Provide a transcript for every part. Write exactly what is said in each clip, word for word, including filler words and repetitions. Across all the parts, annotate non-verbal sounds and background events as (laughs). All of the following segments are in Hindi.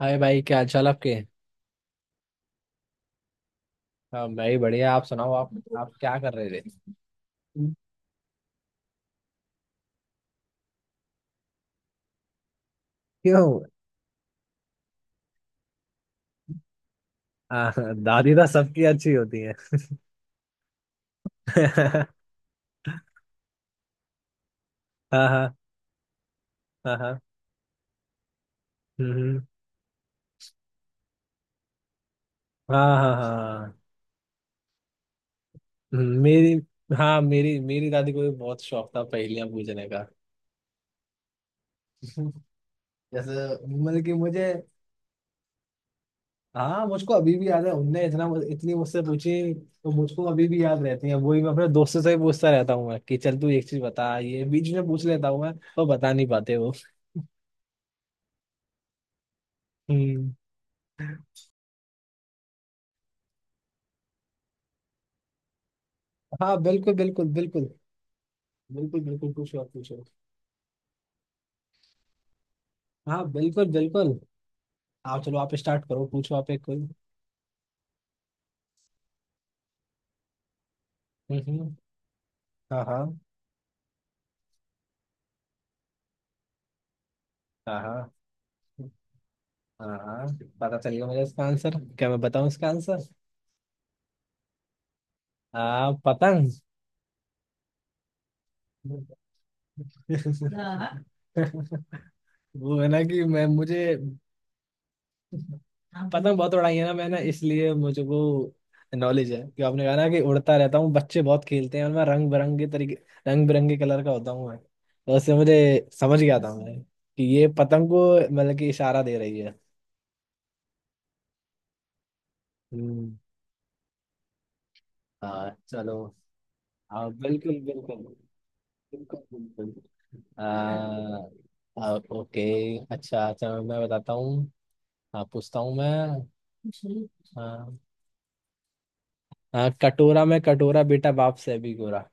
हाय भाई, क्या हाल चाल आपके। हाँ, मैं ही बढ़िया। आप सुनाओ, आप आप क्या कर रहे थे? क्यों? आ, दादी तो सबकी अच्छी होती है। (laughs) हाँ हाँ हाँ हाँ हम्म, हम्म। हाँ हाँ हाँ हाँ। हम्म, मेरी, हाँ मेरी मेरी दादी को भी बहुत शौक था पहेलियां पूछने का। (laughs) जैसे, मतलब कि मुझे, हाँ मुझको अभी भी याद है, उनने इतना, इतनी मुझसे पूछी, तो मुझको अभी भी याद रहती है वही। मैं अपने दोस्तों से भी पूछता रहता हूँ। मैं कि चल तू एक चीज बता, ये बीच में पूछ लेता हूँ मैं, तो बता नहीं पाते वो। (laughs) हम्म। हाँ बिल्कुल बिल्कुल बिल्कुल। बिल्कुल बिल्कुल पूछो, आप पूछो। हाँ बिल्कुल बिल्कुल। आप चलो, आप स्टार्ट करो, पूछो आप एक कोई। हम्म हम्म, हाँ हाँ। हाँ हाँ हाँ हाँ, पता चल गया मुझे इसका आंसर। क्या मैं बताऊं इसका आंसर? आ पतंग। (laughs) हाँ। वो है ना कि मैं, मुझे पतंग बहुत उड़ाई है ना मैंने, इसलिए मुझे वो नॉलेज है। कि आपने कहा ना कि उड़ता रहता हूँ, बच्चे बहुत खेलते हैं, और मैं रंग बिरंगे तरीके, रंग बिरंगे कलर का होता हूँ, मैं तो उससे मुझे समझ गया था मैं कि ये पतंग को मतलब कि इशारा दे रही है। हम्म। हाँ चलो। हाँ बिल्कुल बिल्कुल बिल्कुल बिल्कुल। आ, आ, ओके। अच्छा अच्छा, मैं बताता हूँ। हाँ, पूछता हूँ मैं। हाँ हाँ, कटोरा में कटोरा, बेटा बाप से भी गोरा।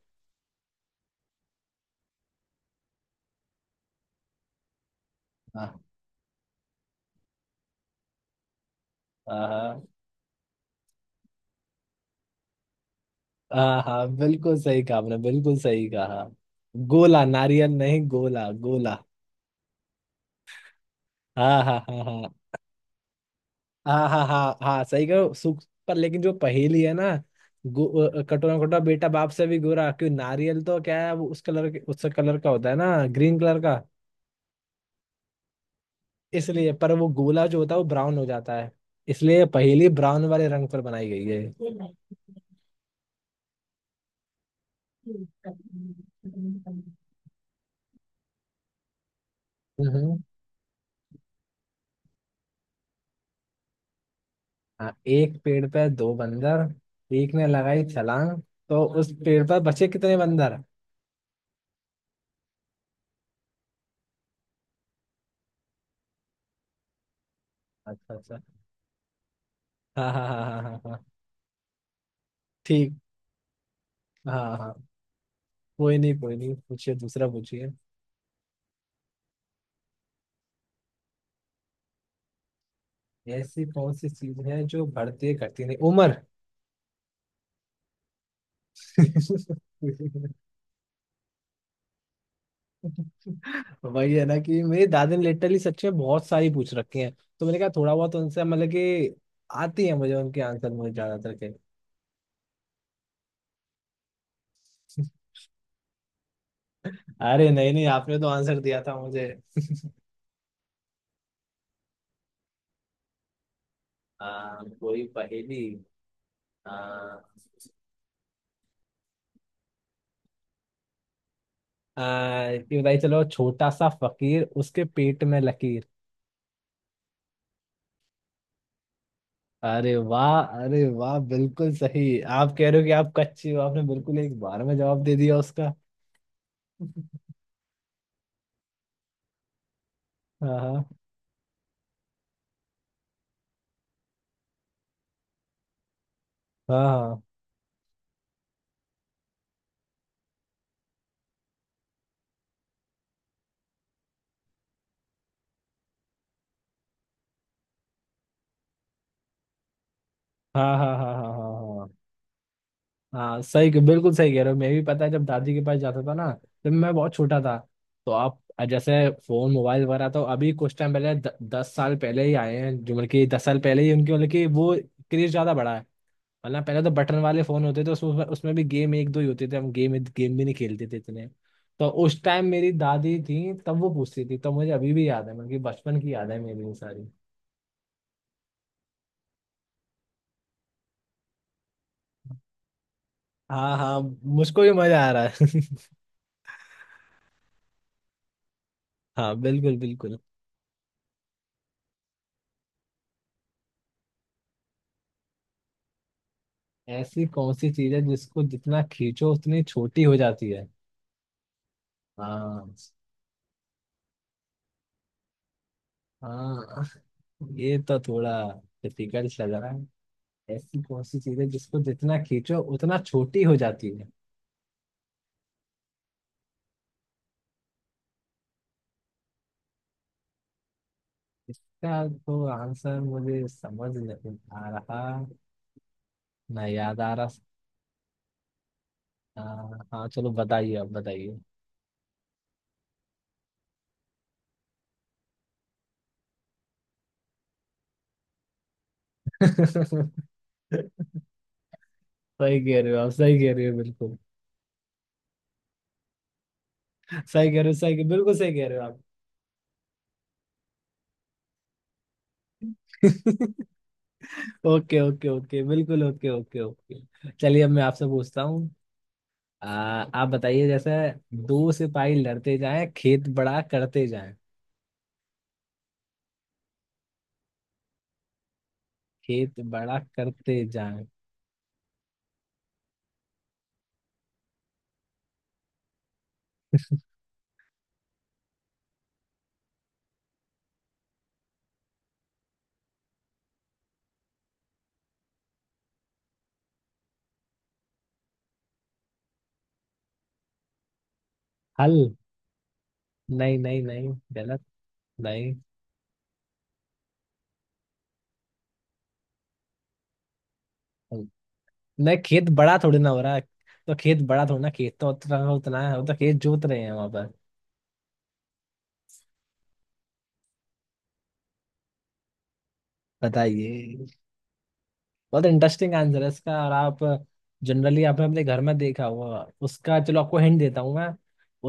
हाँ हाँ हाँ, हाँ, बिल्कुल सही कहा आपने, बिल्कुल सही कहा। गोला, नारियल नहीं, गोला गोला। हाँ हाँ हाँ हाँ, हाँ हाँ हाँ हाँ, सही कहो, सुख पर लेकिन जो पहेली है ना, गो अ, कटोरा कटोरा बेटा बाप से भी गोरा, क्यों नारियल तो क्या है, वो उस कलर के, उस कलर का होता है ना, ग्रीन कलर का। इसलिए, पर वो गोला जो होता है वो ब्राउन हो जाता है, इसलिए पहेली ब्राउन वाले रंग पर बनाई गई है। (laughs) हम्म। हाँ एक पेड़ पे दो बंदर, एक ने लगाई छलांग, तो उस पेड़ पर बचे कितने बंदर? अच्छा अच्छा। हाँ हाँ हाँ हाँ हाँ हाँ। ठीक। हाँ हाँ। कोई नहीं कोई नहीं, पूछिए, दूसरा पूछिए। ऐसी कौन सी चीज है जो बढ़ती है घटती नहीं? उम्र। (laughs) वही है ना कि मेरे दादी ने लिटरली सच में बहुत सारी पूछ रखी हैं, तो मैंने कहा थोड़ा बहुत उनसे मतलब कि आती है मुझे उनके आंसर, मुझे ज्यादातर के। (laughs) अरे नहीं नहीं, आपने तो आंसर दिया था मुझे। हाँ कोई पहेली। हाँ आ, ये बताइए, चलो, छोटा सा फकीर उसके पेट में लकीर। अरे वाह, अरे वाह, बिल्कुल सही। आप कह रहे हो कि आप कच्चे हो, आपने बिल्कुल एक बार में जवाब दे दिया उसका। हाँ हाँ हाँ हाँ हाँ हाँ हाँ हाँ हाँ हाँ, हाँ, सही, बिल्कुल सही कह रहे हो। मैं भी, पता है, जब दादी के पास जाता था ना, जब मैं बहुत छोटा था, तो आप जैसे फोन मोबाइल वगैरह तो अभी कुछ टाइम पहले, द, दस साल पहले ही आए हैं जो, मतलब कि दस साल पहले ही उनके, मतलब कि वो क्रेज ज्यादा बढ़ा है। वरना पहले तो बटन वाले फोन होते थे, उसमें उसमें भी गेम एक दो ही होते थे, हम गेम गेम भी नहीं खेलते थे इतने। तो उस टाइम मेरी दादी थी तब वो पूछती थी, तो मुझे अभी भी याद है, मतलब कि बचपन की याद है मेरी ये सारी। हाँ हाँ, मुझको भी मजा आ रहा है। (laughs) हाँ बिल्कुल बिल्कुल। ऐसी कौन सी चीज है जिसको जितना खींचो उतनी छोटी हो जाती है? हाँ हाँ, ये तो थोड़ा डिफिकल्ट लग रहा है। ऐसी कौन सी चीज है जिसको जितना खींचो उतना छोटी हो जाती है? इसका तो आंसर मुझे समझ नहीं आ रहा, ना याद आ रहा। हाँ हाँ, चलो बताइए, आप बताइए। (laughs) सही कह रहे हो आप, सही कह रहे हो बिल्कुल। सही कह रहे हो, सही, बिल्कुल सही कह रहे हो आप। (laughs) ओके ओके ओके, बिल्कुल, ओके ओके ओके। चलिए, अब मैं आपसे पूछता हूँ। आ, आप बताइए, जैसे, दो सिपाही लड़ते जाएं, खेत बड़ा करते जाएं। खेत बड़ा करते जाएं। हल। नहीं नहीं नहीं, गलत। नहीं नहीं, खेत बड़ा थोड़ी ना हो रहा है, तो खेत बड़ा थोड़ी ना, खेत तो उतना उतना है, वो तो खेत जोत रहे हैं वहां पर। बताइए। बहुत इंटरेस्टिंग आंसर है इसका, और आप जनरली आपने अपने घर में देखा हुआ उसका। चलो, आपको हिंट देता हूँ मैं।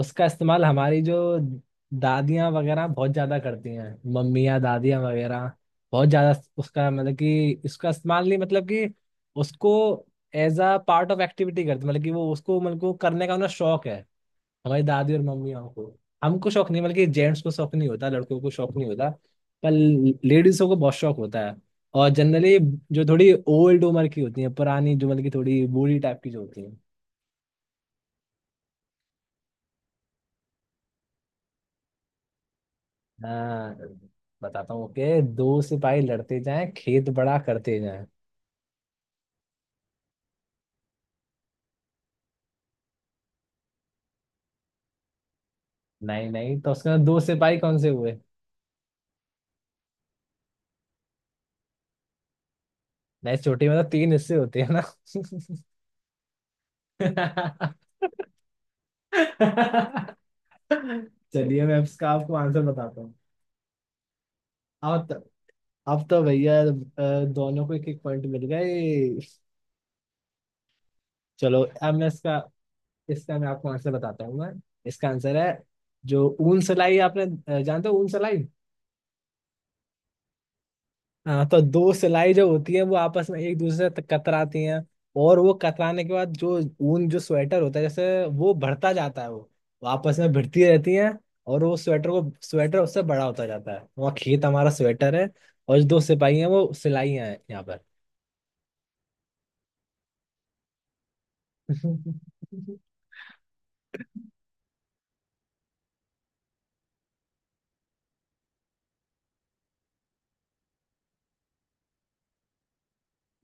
उसका इस्तेमाल हमारी जो दादियाँ वगैरह बहुत ज्यादा करती हैं, मम्मियाँ दादियाँ वगैरह बहुत ज्यादा। उसका, मतलब कि इसका इस्तेमाल, नहीं मतलब कि उसको as a part of activity करती, मतलब कि वो उसको, मतलब कि वो करने का उन्हें शौक है। हमारी दादी और मम्मी, हमको, हमको शौक नहीं, बल्कि जेंट्स को शौक नहीं होता, लड़कों को शौक नहीं होता, पर लेडीजों को बहुत शौक होता है। और जनरली जो थोड़ी ओल्ड उम्र की होती है, पुरानी जो, मतलब की थोड़ी बूढ़ी टाइप की जो होती है। हाँ, बताता हूँ कि दो सिपाही लड़ते जाएं, खेत बड़ा करते जाएं। नहीं नहीं, तो उसके अंदर दो सिपाही कौन से हुए? नहीं, छोटी में तो तीन हिस्से होते हैं ना। (laughs) चलिए मैं इसका आपको आंसर बताता हूँ। अब अब तो भैया अ, दोनों को एक एक पॉइंट मिल गए। चलो, अब मैं इसका इसका मैं आपको आंसर बताता हूँ मैं। इसका आंसर है जो ऊन सलाई, आपने अ, जानते हो ऊन सलाई। हाँ, तो दो सिलाई जो होती है, वो आपस में एक दूसरे से त- कतराती हैं, और वो कतराने के बाद जो ऊन, जो स्वेटर होता है जैसे, वो बढ़ता जाता है, वो वो आपस में भिड़ती रहती हैं, और वो स्वेटर को, स्वेटर उससे बड़ा होता जाता है। वहाँ खेत हमारा स्वेटर है, और जो दो सिपाही हैं वो सिलाई हैं यहाँ पर। (laughs)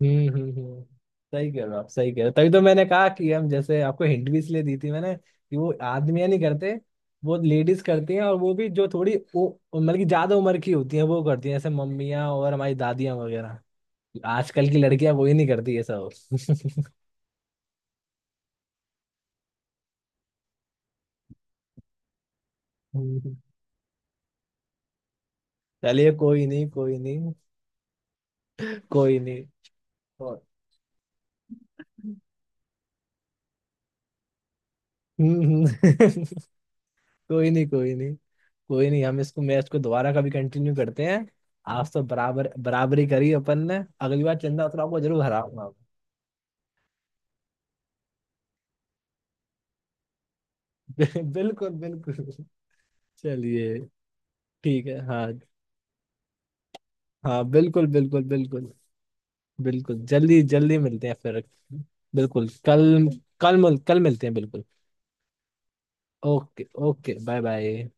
हम्म हम्म हम्म। सही कह रहे हो आप, सही कह रहे हो। तभी तो मैंने कहा कि हम जैसे आपको हिंट भी इसलिए दी थी मैंने कि वो आदमियां नहीं करते, वो लेडीज करती हैं। और वो भी जो थोड़ी वो, मतलब कि ज्यादा उम्र की होती हैं वो करती हैं, जैसे मम्मियाँ और हमारी दादियाँ वगैरह। आजकल की लड़कियां वो ही नहीं करती ये सब। (laughs) हम्म। चलिए कोई नहीं, कोई नहीं, कोई नहीं। और- हम्म हम्म। (laughs) कोई नहीं कोई नहीं, कोई नहीं। हम इसको, मैच को दोबारा कभी कंटिन्यू करते हैं। आज तो बराबर बराबरी करी अपन ने, अगली बार चंदा उतराव को जरूर हराऊंगा। (laughs) मैं। बिल्कुल बिल्कुल। चलिए ठीक है। हाँ हाँ बिल्कुल बिल्कुल बिल्कुल। बिल्कुल जल्दी जल्दी मिलते हैं फिर। बिल्कुल कल, कल मिल- कल मिलते हैं बिल्कुल। Okay okay, bye bye.